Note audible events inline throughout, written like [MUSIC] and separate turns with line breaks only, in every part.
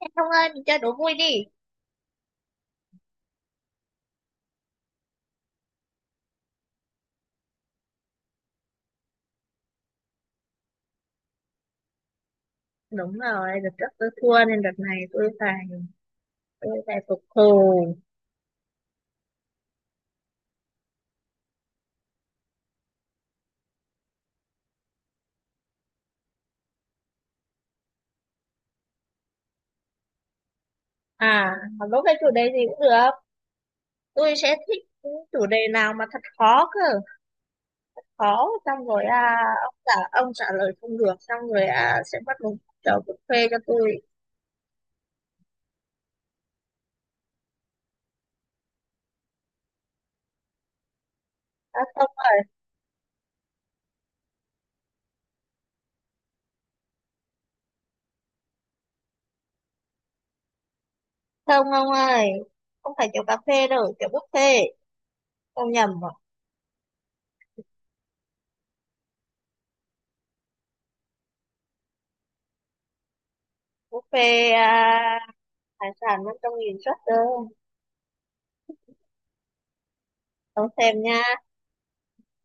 Không, Thông ơi, mình chơi đố vui đi. Đúng rồi, đợt trước tôi thua nên đợt này tôi phải phục thù. À, mà đố cái chủ đề gì cũng được. Tôi sẽ thích những chủ đề nào mà thật khó cơ, khó xong rồi à, ông trả lời không được xong rồi à, sẽ bắt một chầu cà phê cho tôi. À, không, không ông ơi. Không phải kiểu cà phê đâu, kiểu buffet. Ông nhầm rồi. Buffet à, hải sản 500 nghìn suất đâu. Ông xem nha.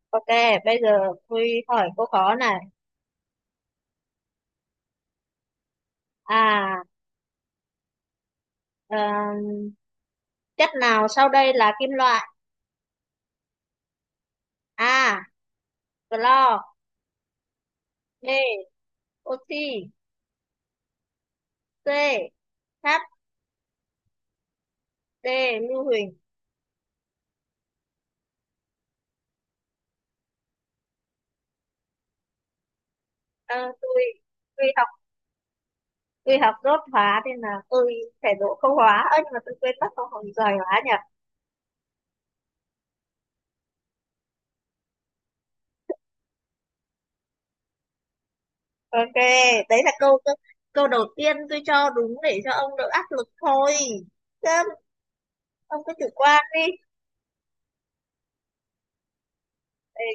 Ok, bây giờ tôi hỏi câu khó này. À, ờ, chất nào sau đây là kim loại? A. Clo. B. Oxy. C. Sắt. D. Lưu huỳnh. Ờ, tôi học tôi học đốt hóa nên là tôi phải đỗ câu hóa. Ơ nhưng mà tôi quên mất câu hỏi, giỏi hóa nhỉ. Ok, đấy là câu câu câu đầu tiên tôi cho đúng để cho ông đỡ áp lực thôi. Chứ ông cứ chủ quan đi. Ê,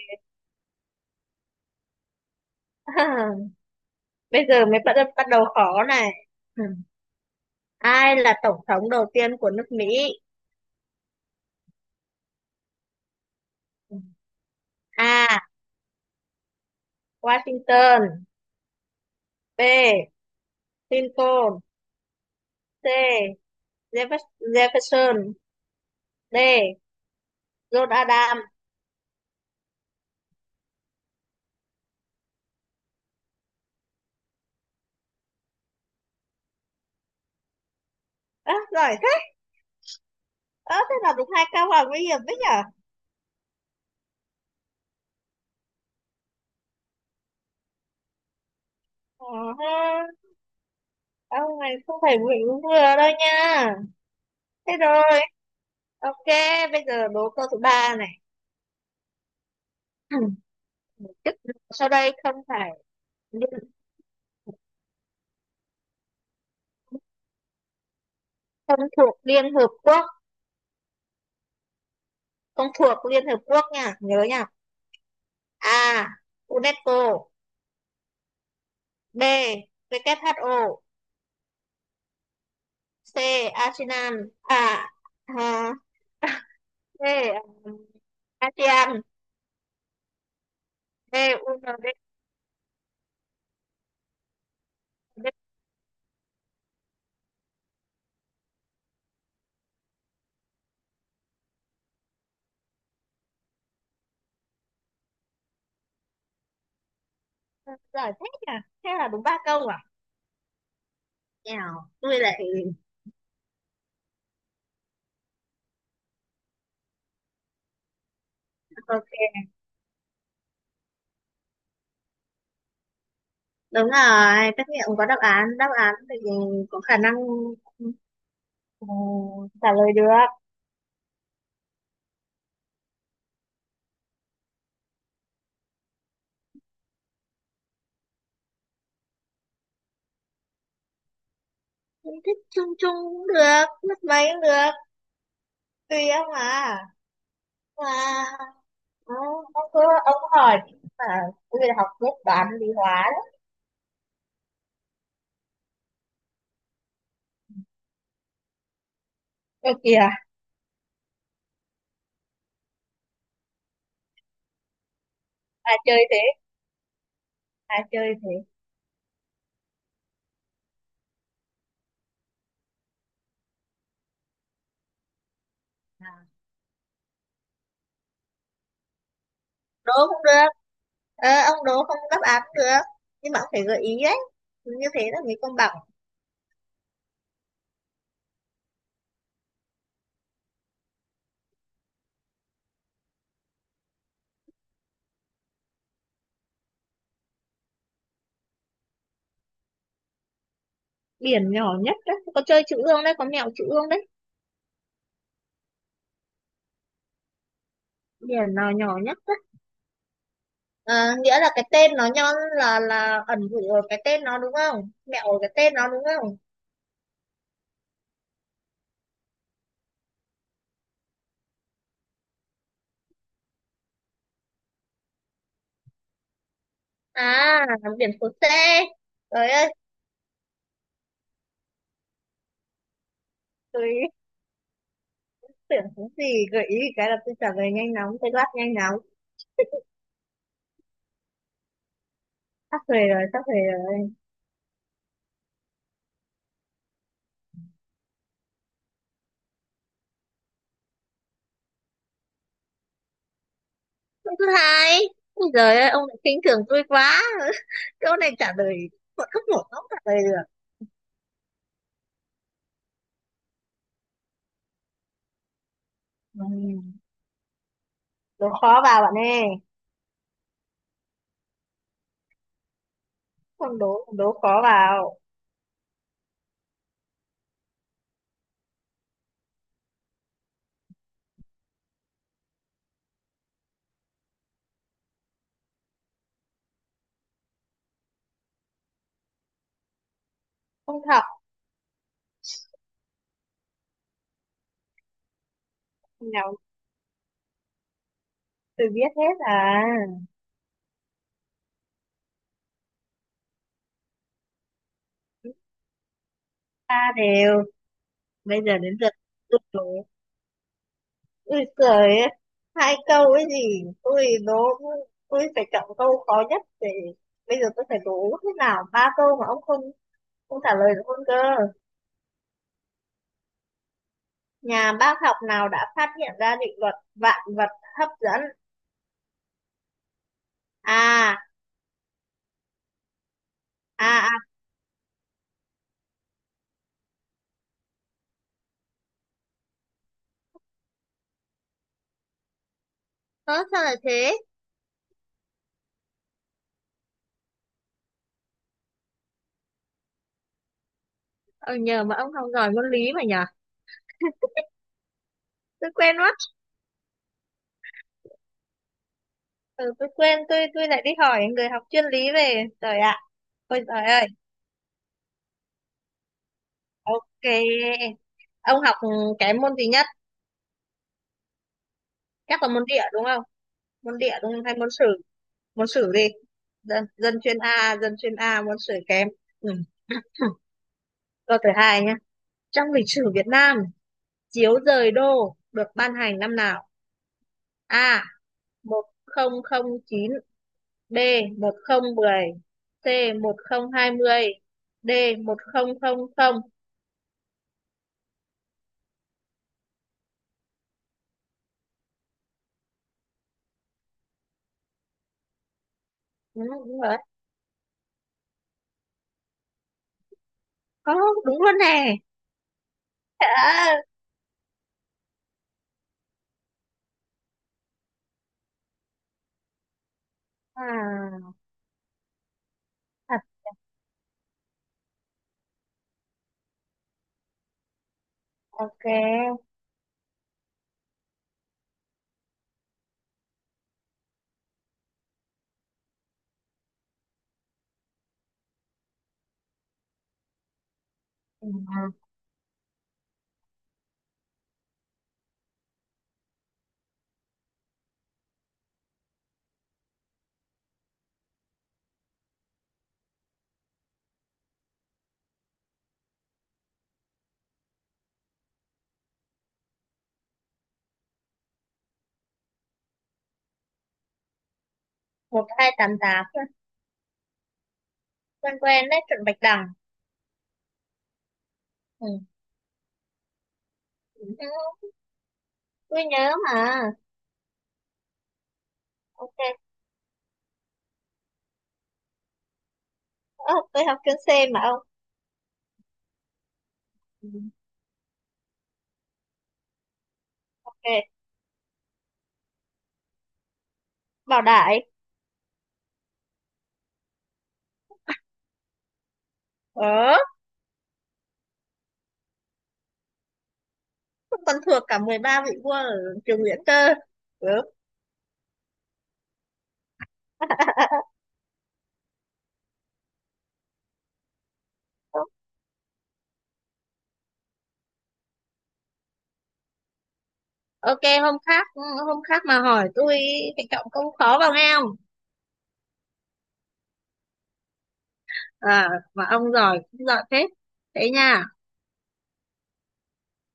[LAUGHS] bây giờ mới bắt bắt đầu khó này. Ừ. Ai là tổng thống đầu tiên của nước Mỹ? A. Washington. B. Lincoln. C. Jeffers- Jefferson. D. John Adams. Ơ, giỏi thế. Ơ, thế là đúng hai câu là nguy hiểm đấy nhở. Ờ, ha. Ông này không phải vừa đúng vừa đâu nha. Thế rồi ok, bây giờ đố câu thứ ba này. [CLEARS THROAT] Chức vụ sau đây không phải liên, không thuộc Liên Hợp Quốc, không thuộc Liên Hợp Quốc nha, nhớ nha. A. UNESCO. B. WHO. C. Asian à, à. D. um, ASEAN. D. U N D. D. Giỏi thế nhỉ, thế là đúng ba câu à. Nào, tôi lại ok. Đúng rồi, tất nhiên có đáp án thì có khả năng, ừ, trả lời được. Cũng thích chung chung cũng được, mất mấy cũng được, tùy ông à mà. Ừ, ông cứ ông hỏi mà, tôi học lớp toán lý hóa đó. Ơ kìa, ai chơi thế, ai chơi thế. À, đố cũng được, ờ, ông đố không đáp án cũng được, nhưng mà ông phải gợi ý đấy, như thế là mới công bằng. Biển nhỏ nhất đấy có chơi chữ ương đấy, có mẹo chữ ương đấy. Biển nào nhỏ nhất đấy. Ờ, nghĩa là cái tên nó nhon, là ẩn dụ ở cái tên nó đúng không, mẹo ở cái tên nó đúng không? À, biển số C, trời ơi, tôi tưởng cái gì gợi ý cái là tôi trả lời nhanh nóng, tôi đáp nhanh nóng. Sắp về rồi, sắp về rồi. Câu thứ hai. Ôi giời ơi, ông lại khinh thường tôi quá. Câu này trả lời bọn không nổi, không trả lời được. Ừ. Đố khó vào bạn ơi. Không đố, đố khó vào. Không học, nào từ biết hết à. chúng Ta đều. Bây giờ đến lượt tôi đố. Ui giời ơi. Hai câu ấy gì. Tôi đố, tôi phải chọn câu khó nhất để bây giờ tôi phải đố thế nào ba câu mà ông không không trả lời được luôn cơ. Nhà bác học nào đã phát hiện ra định luật vạn vật hấp dẫn? À, à, à. Ơ, sao lại thế? Ờ, nhờ mà ông học giỏi môn lý mà nhờ. Tôi quên mất. Ừ, tôi quên, tôi lại đi hỏi người học chuyên lý về. Trời ạ. Ôi trời ơi. Cái... Ông học kém môn gì nhất? Chắc là môn địa đúng không? Môn địa đúng không? Hay môn sử? Môn sử gì? Dân chuyên A, môn sử kém. Ừ. Câu thứ hai nhé. Trong lịch sử Việt Nam, chiếu rời đô được ban hành năm nào? A. 1009. D. 1010. C. 1020. D. 1000. Đúng, đúng rồi, có đúng luôn nè. À, à, thật ok ừ. 1288, quen quen đấy, chuẩn Bạch Đằng. Ừ. Tôi nhớ mà. Ok. Ơ, tôi học chuyên C mà ông. Ừ. Ok. Bảo Đại. Ờ, tôi còn thuộc cả 13 vị vua ở trường Nguyễn cơ. Ừ. Ok hôm khác, hôm khác mà hỏi tôi phải trọng câu khó vào nghe. À, mà ông giỏi cũng giỏi phết, thế nha.